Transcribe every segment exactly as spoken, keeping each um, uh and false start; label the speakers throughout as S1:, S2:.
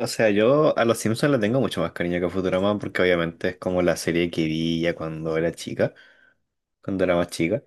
S1: O sea, yo a Los Simpsons le tengo mucho más cariño que a Futurama porque obviamente es como la serie que vi ya cuando era chica, cuando era más chica.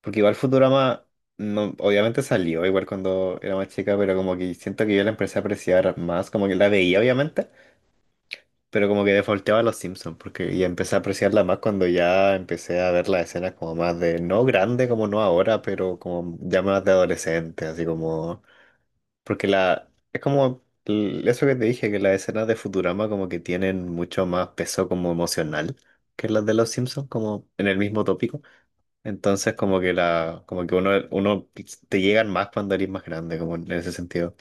S1: Porque igual Futurama, no, obviamente salió igual cuando era más chica, pero como que siento que yo la empecé a apreciar más, como que la veía obviamente, pero como que defaulteaba a Los Simpsons porque ya empecé a apreciarla más cuando ya empecé a ver las escenas como más de, no grande como no ahora, pero como ya más de adolescente, así como... Porque la, es como l- eso que te dije, que las escenas de Futurama como que tienen mucho más peso como emocional que las de Los Simpsons, como en el mismo tópico. Entonces como que la, como que uno, uno te llegan más cuando eres más grande, como en ese sentido.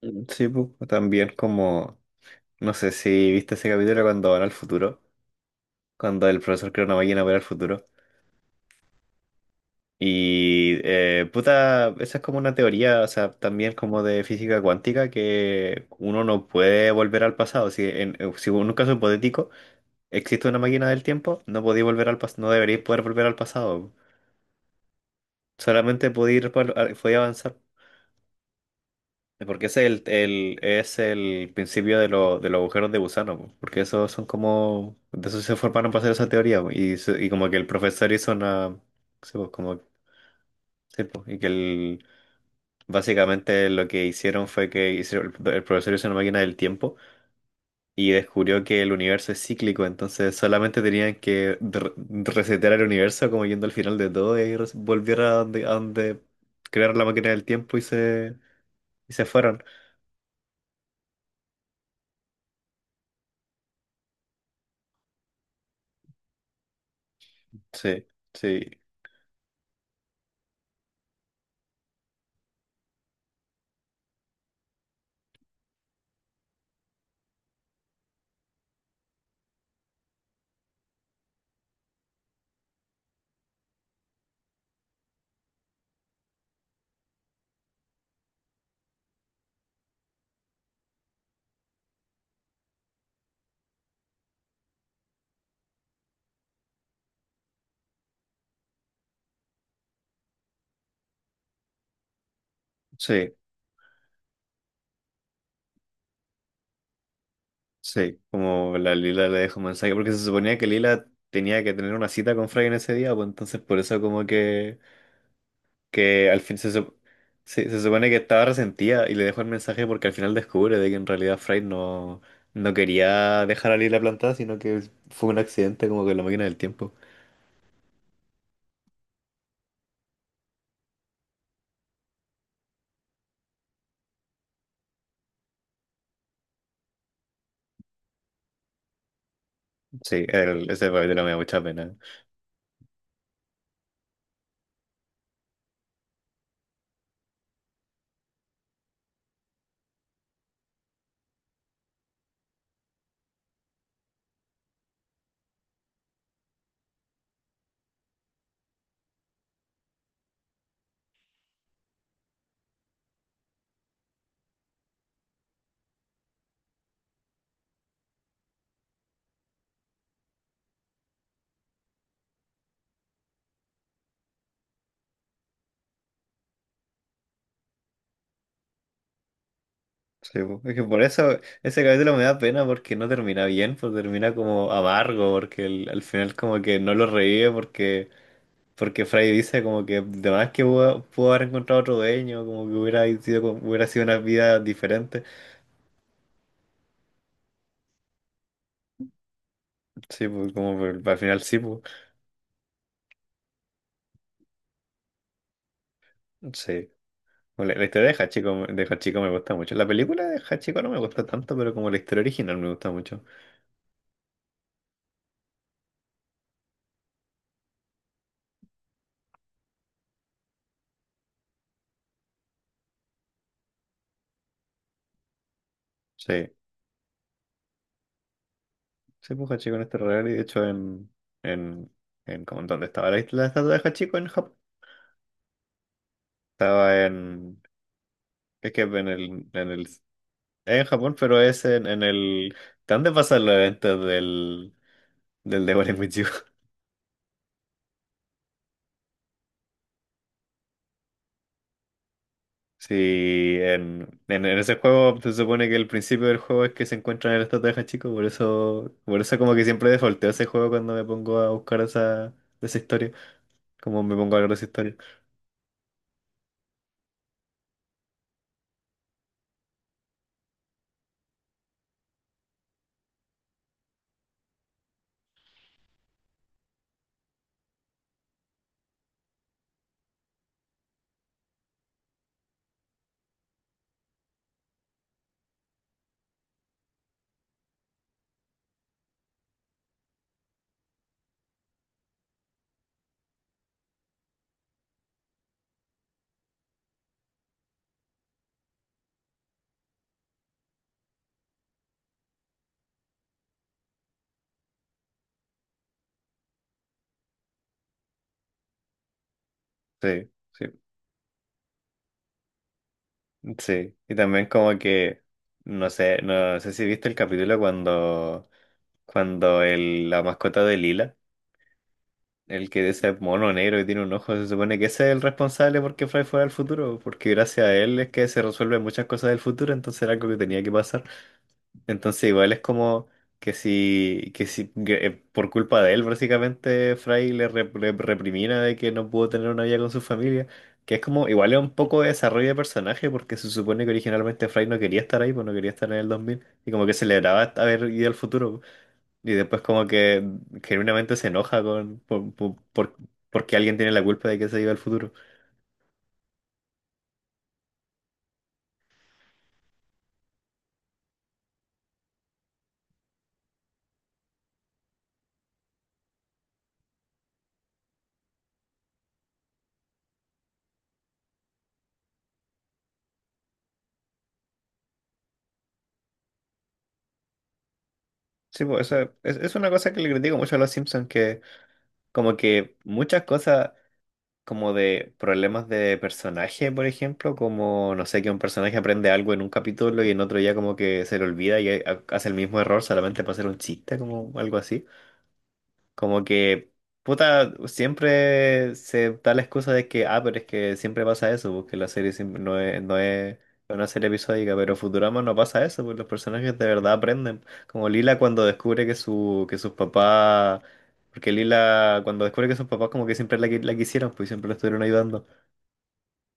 S1: Mm, sí, pues, también como, no sé si viste ese capítulo cuando van al futuro, cuando el profesor crea una máquina para ir al futuro. Y eh, puta, esa es como una teoría, o sea, también como de física cuántica, que uno no puede volver al pasado. Si en, eh, si en un caso hipotético existe una máquina del tiempo, no podéis volver al pas- no deberíais poder volver al pasado. Solamente podéis ir por- a- podéis avanzar. Porque ese es el, el- es el principio de, lo- de los agujeros de gusano, po. Porque esos son como, de eso se formaron para hacer esa teoría, po. y, se- y como que el profesor hizo una, sí, po, como, sí, po, y que el básicamente lo que hicieron fue que hicieron- el el profesor hizo una máquina del tiempo y descubrió que el universo es cíclico, entonces solamente tenían que re- resetear el universo como yendo al final de todo y res- volvieron a donde, a donde crearon la máquina del tiempo y se, y se fueron. Sí, sí, sí, sí, como la Lila le dejó un mensaje, porque se suponía que Lila tenía que tener una cita con Frey en ese día, pues entonces por eso como que que al fin se, sup- se, se supone que estaba resentida y le dejó el mensaje porque al final descubre de que en realidad Fry no, no quería dejar a Lila plantada, sino que fue un accidente como que la máquina del tiempo. Sí, el- ese capítulo me da mucha pena. Sí, po. Es que por eso ese capítulo me da pena porque no termina bien, pues termina como amargo, porque el- al final como que no lo revive porque... Porque Fry dice como que de más que pudo, pudo haber encontrado otro dueño, como que hubiera sido, hubiera sido una vida diferente. Sí, pues como por- al final sí, pues. Sí. Bueno, La, la historia de Hachiko, de Hachiko me gusta mucho. La película de Hachiko no me gusta tanto, pero como la historia original me gusta mucho. Sí, sí, pues Hachiko en este real y de hecho en, en, en como en donde estaba la, isla- la estatua de Hachiko en Japón. Estaba en, es que en el, en el, es en Japón, pero es en, en el, ¿de dónde pasan los eventos del, del Devil May Cry? Sí, en, en, en ese juego se supone que el principio del juego es que se encuentran en esta caja, chico, por eso, por eso como que siempre defaulteo ese juego cuando me pongo a buscar esa, esa historia, como me pongo a hablar de esa historia. Sí, sí, sí. Y también como que, no sé, no sé si viste el capítulo cuando, cuando el, la mascota de Lila, el que es ese mono negro y tiene un ojo, se supone que ese es el responsable porque Fry fuera al futuro, porque gracias a él es que se resuelven muchas cosas del futuro, entonces era algo que tenía que pasar. Entonces igual es como que si, que si que, eh, por culpa de él básicamente Fry le rep- rep- reprimina de que no pudo tener una vida con su familia, que es como igual es un poco de desarrollo de personaje porque se supone que originalmente Fry no quería estar ahí, pues no quería estar en el dos mil y como que celebraba haber ido al futuro y después como que genuinamente se enoja con por, por- por- porque alguien tiene la culpa de que se iba al futuro. Sí, pues eso es, es una cosa que le critico mucho a Los Simpsons que como que muchas cosas como de problemas de personaje, por ejemplo, como no sé, que un personaje aprende algo en un capítulo y en otro ya como que se le olvida y ha- hace el mismo error solamente para hacer un chiste, como algo así. Como que, puta, siempre se da la excusa de que, ah, pero es que siempre pasa eso, porque la serie siempre no es, no es una serie episódica, pero Futurama no pasa eso, porque los personajes de verdad aprenden. Como Lila cuando descubre que su, que sus papás, porque Lila cuando descubre que sus papás como que siempre la, qui- la quisieron, pues siempre la estuvieron ayudando.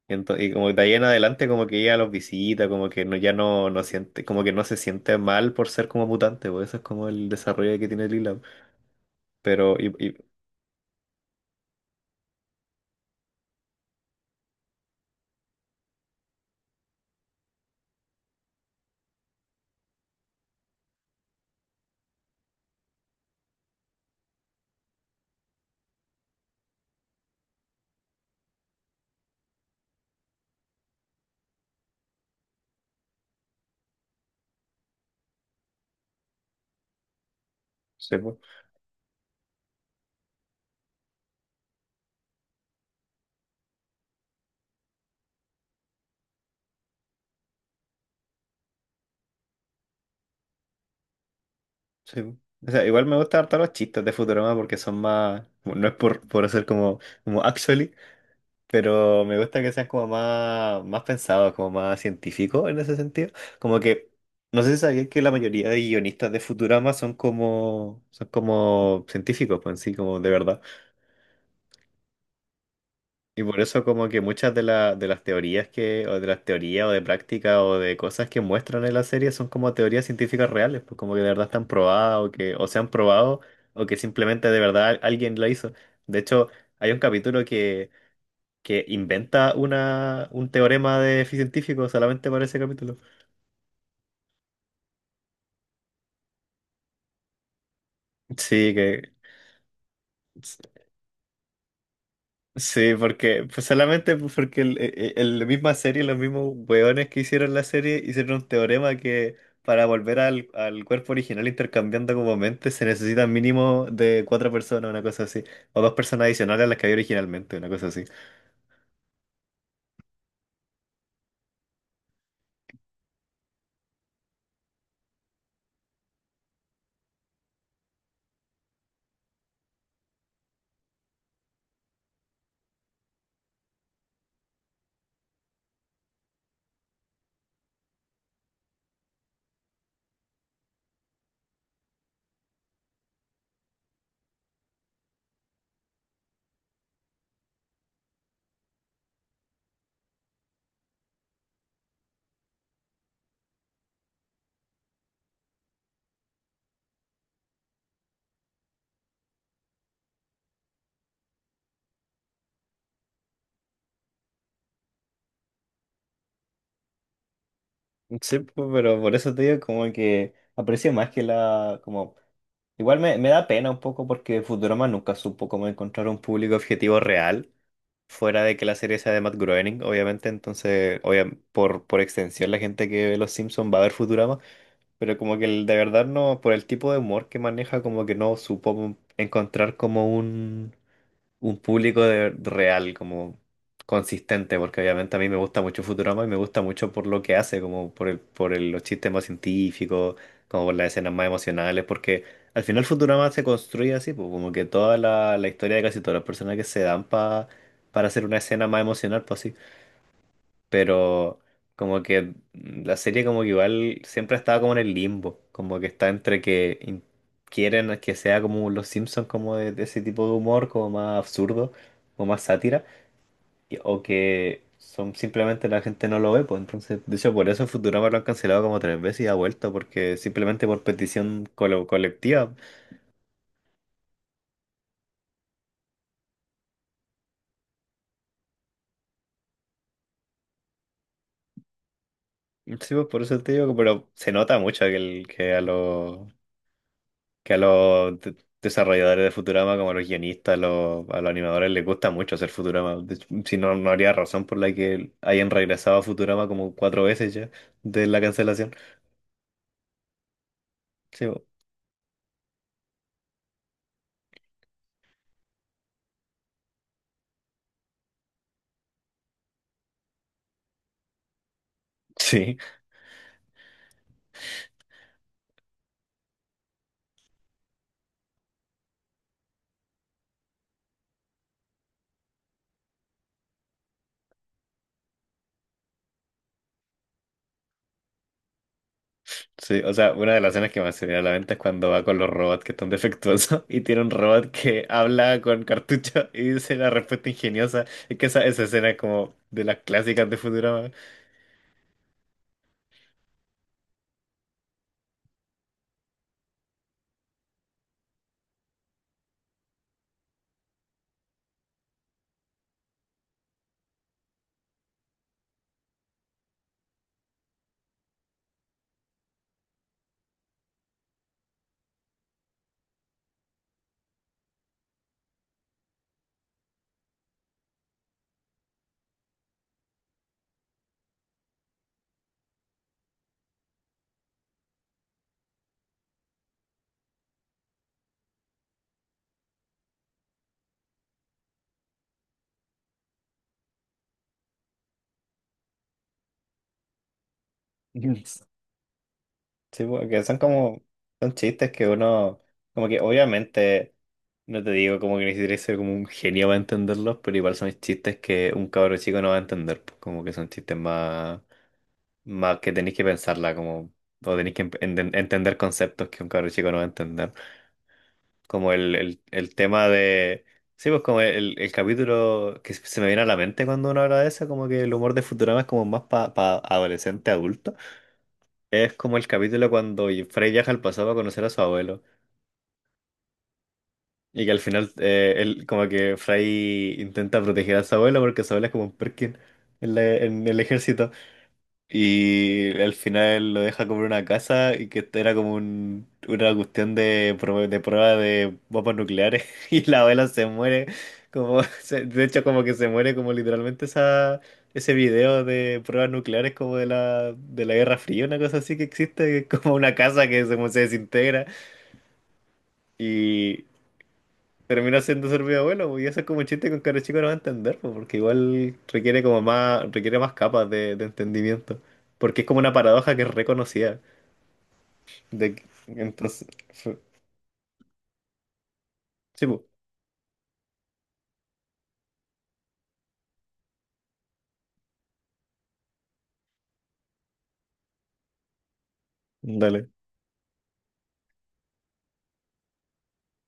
S1: Y, ento- y como de ahí en adelante como que ella los visita, como que no, ya no, no siente, como que no se siente mal por ser como mutante, pues eso es como el desarrollo que tiene Lila. Pero, y, y- Sí. Pues. Sí. O sea, igual me gustan harto los chistes de Futurama porque son más, bueno, no es por, por hacer como, como actually, pero me gusta que sean como más, más pensados, como más científicos en ese sentido. Como que, no sé si sabían que la mayoría de guionistas de Futurama son como, son como científicos, pues en sí, como de verdad. Y por eso como que muchas de, la- de las teorías que, o de las teorías o de prácticas o de cosas que muestran en la serie son como teorías científicas reales, pues como que de verdad están probadas o que o se han probado o que simplemente de verdad alguien la hizo. De hecho, hay un capítulo que, que inventa una, un teorema de científico solamente para ese capítulo. Sí, que... Sí, porque pues solamente pues, porque el- e- e- la misma serie, los mismos weones que hicieron la serie, hicieron un teorema que para volver al, al cuerpo original intercambiando como mentes se necesitan mínimo de cuatro personas, una cosa así, o dos personas adicionales a las que había originalmente, una cosa así. Sí, pu- pero por eso te digo como que aprecio más que la, como, igual me, me da pena un poco porque Futurama nunca supo cómo encontrar un público objetivo real. Fuera de que la serie sea de Matt Groening, obviamente, entonces, obvia- por, por extensión, la gente que ve Los Simpsons va a ver Futurama, pero como que el- de verdad no, por el tipo de humor que maneja, como que no supo encontrar como un, un público de, real, como consistente, porque obviamente a mí me gusta mucho Futurama y me gusta mucho por lo que hace, como por el, por el- los chistes más científicos, como por las escenas más emocionales, porque al final Futurama se construye así, pues como que toda la, la historia de casi todas las personas que se dan pa- para hacer una escena más emocional, pues así. Pero como que la serie como que igual siempre ha estado como en el limbo, como que está entre que in- quieren que sea como Los Simpsons, como de, de ese tipo de humor, como más absurdo, como más sátira, y- o que son simplemente la gente no lo ve, pues entonces, de hecho por eso en Futurama lo han cancelado como tres veces y ha vuelto, porque simplemente por petición colo- colectiva. Sí, pues por eso te digo, que- pero se nota mucho que, el, que a los que a los de- desarrolladores de Futurama, como a los guionistas, a los, a los animadores, les gusta mucho hacer Futurama. De hecho, si no, no habría razón por la que hayan regresado a Futurama como cuatro veces ya de la cancelación. Sí, bo- sí, sí. O sea, una de las escenas que más se viene a la mente es cuando va con los robots que están defectuosos y tiene un robot que habla con cartucho y dice la respuesta ingeniosa. Es que esa, esa escena es como de las clásicas de Futurama. Sí, porque son como, son chistes que uno, como que obviamente, no te digo como que necesitas ser como un genio para entenderlos, pero igual son chistes que un cabro chico no va a entender, pues, como que son chistes más, más que tenéis que pensarla, como, o tenéis que enten- entender conceptos que un cabro chico no va a entender. Como el, el, el tema de, sí, pues como el, el capítulo que se me viene a la mente cuando uno habla de eso, como que el humor de Futurama es como más para pa pa adolescente adulto. Es como el capítulo cuando Frey viaja al pasado a conocer a su abuelo. Y que al final, eh, él, como que Frey intenta proteger a su abuelo porque su abuelo es como un Perkin en, la- en el ejército. Y al final lo deja comprar una casa y que era como un- una cuestión de, prue- de prueba de bombas nucleares. Y la abuela se muere, como se- de hecho como que se muere como literalmente esa, ese video de pruebas nucleares como de la, de la Guerra Fría, una cosa así que existe, que es como una casa que se, se desintegra termina siendo ser mi abuelo, pues, y eso es como un chiste con cara chico no va a entender, pues, porque igual requiere como más, requiere más capas de, de entendimiento, porque es como una paradoja que es reconocida, de, que- entonces, fue- sí, pues, dale.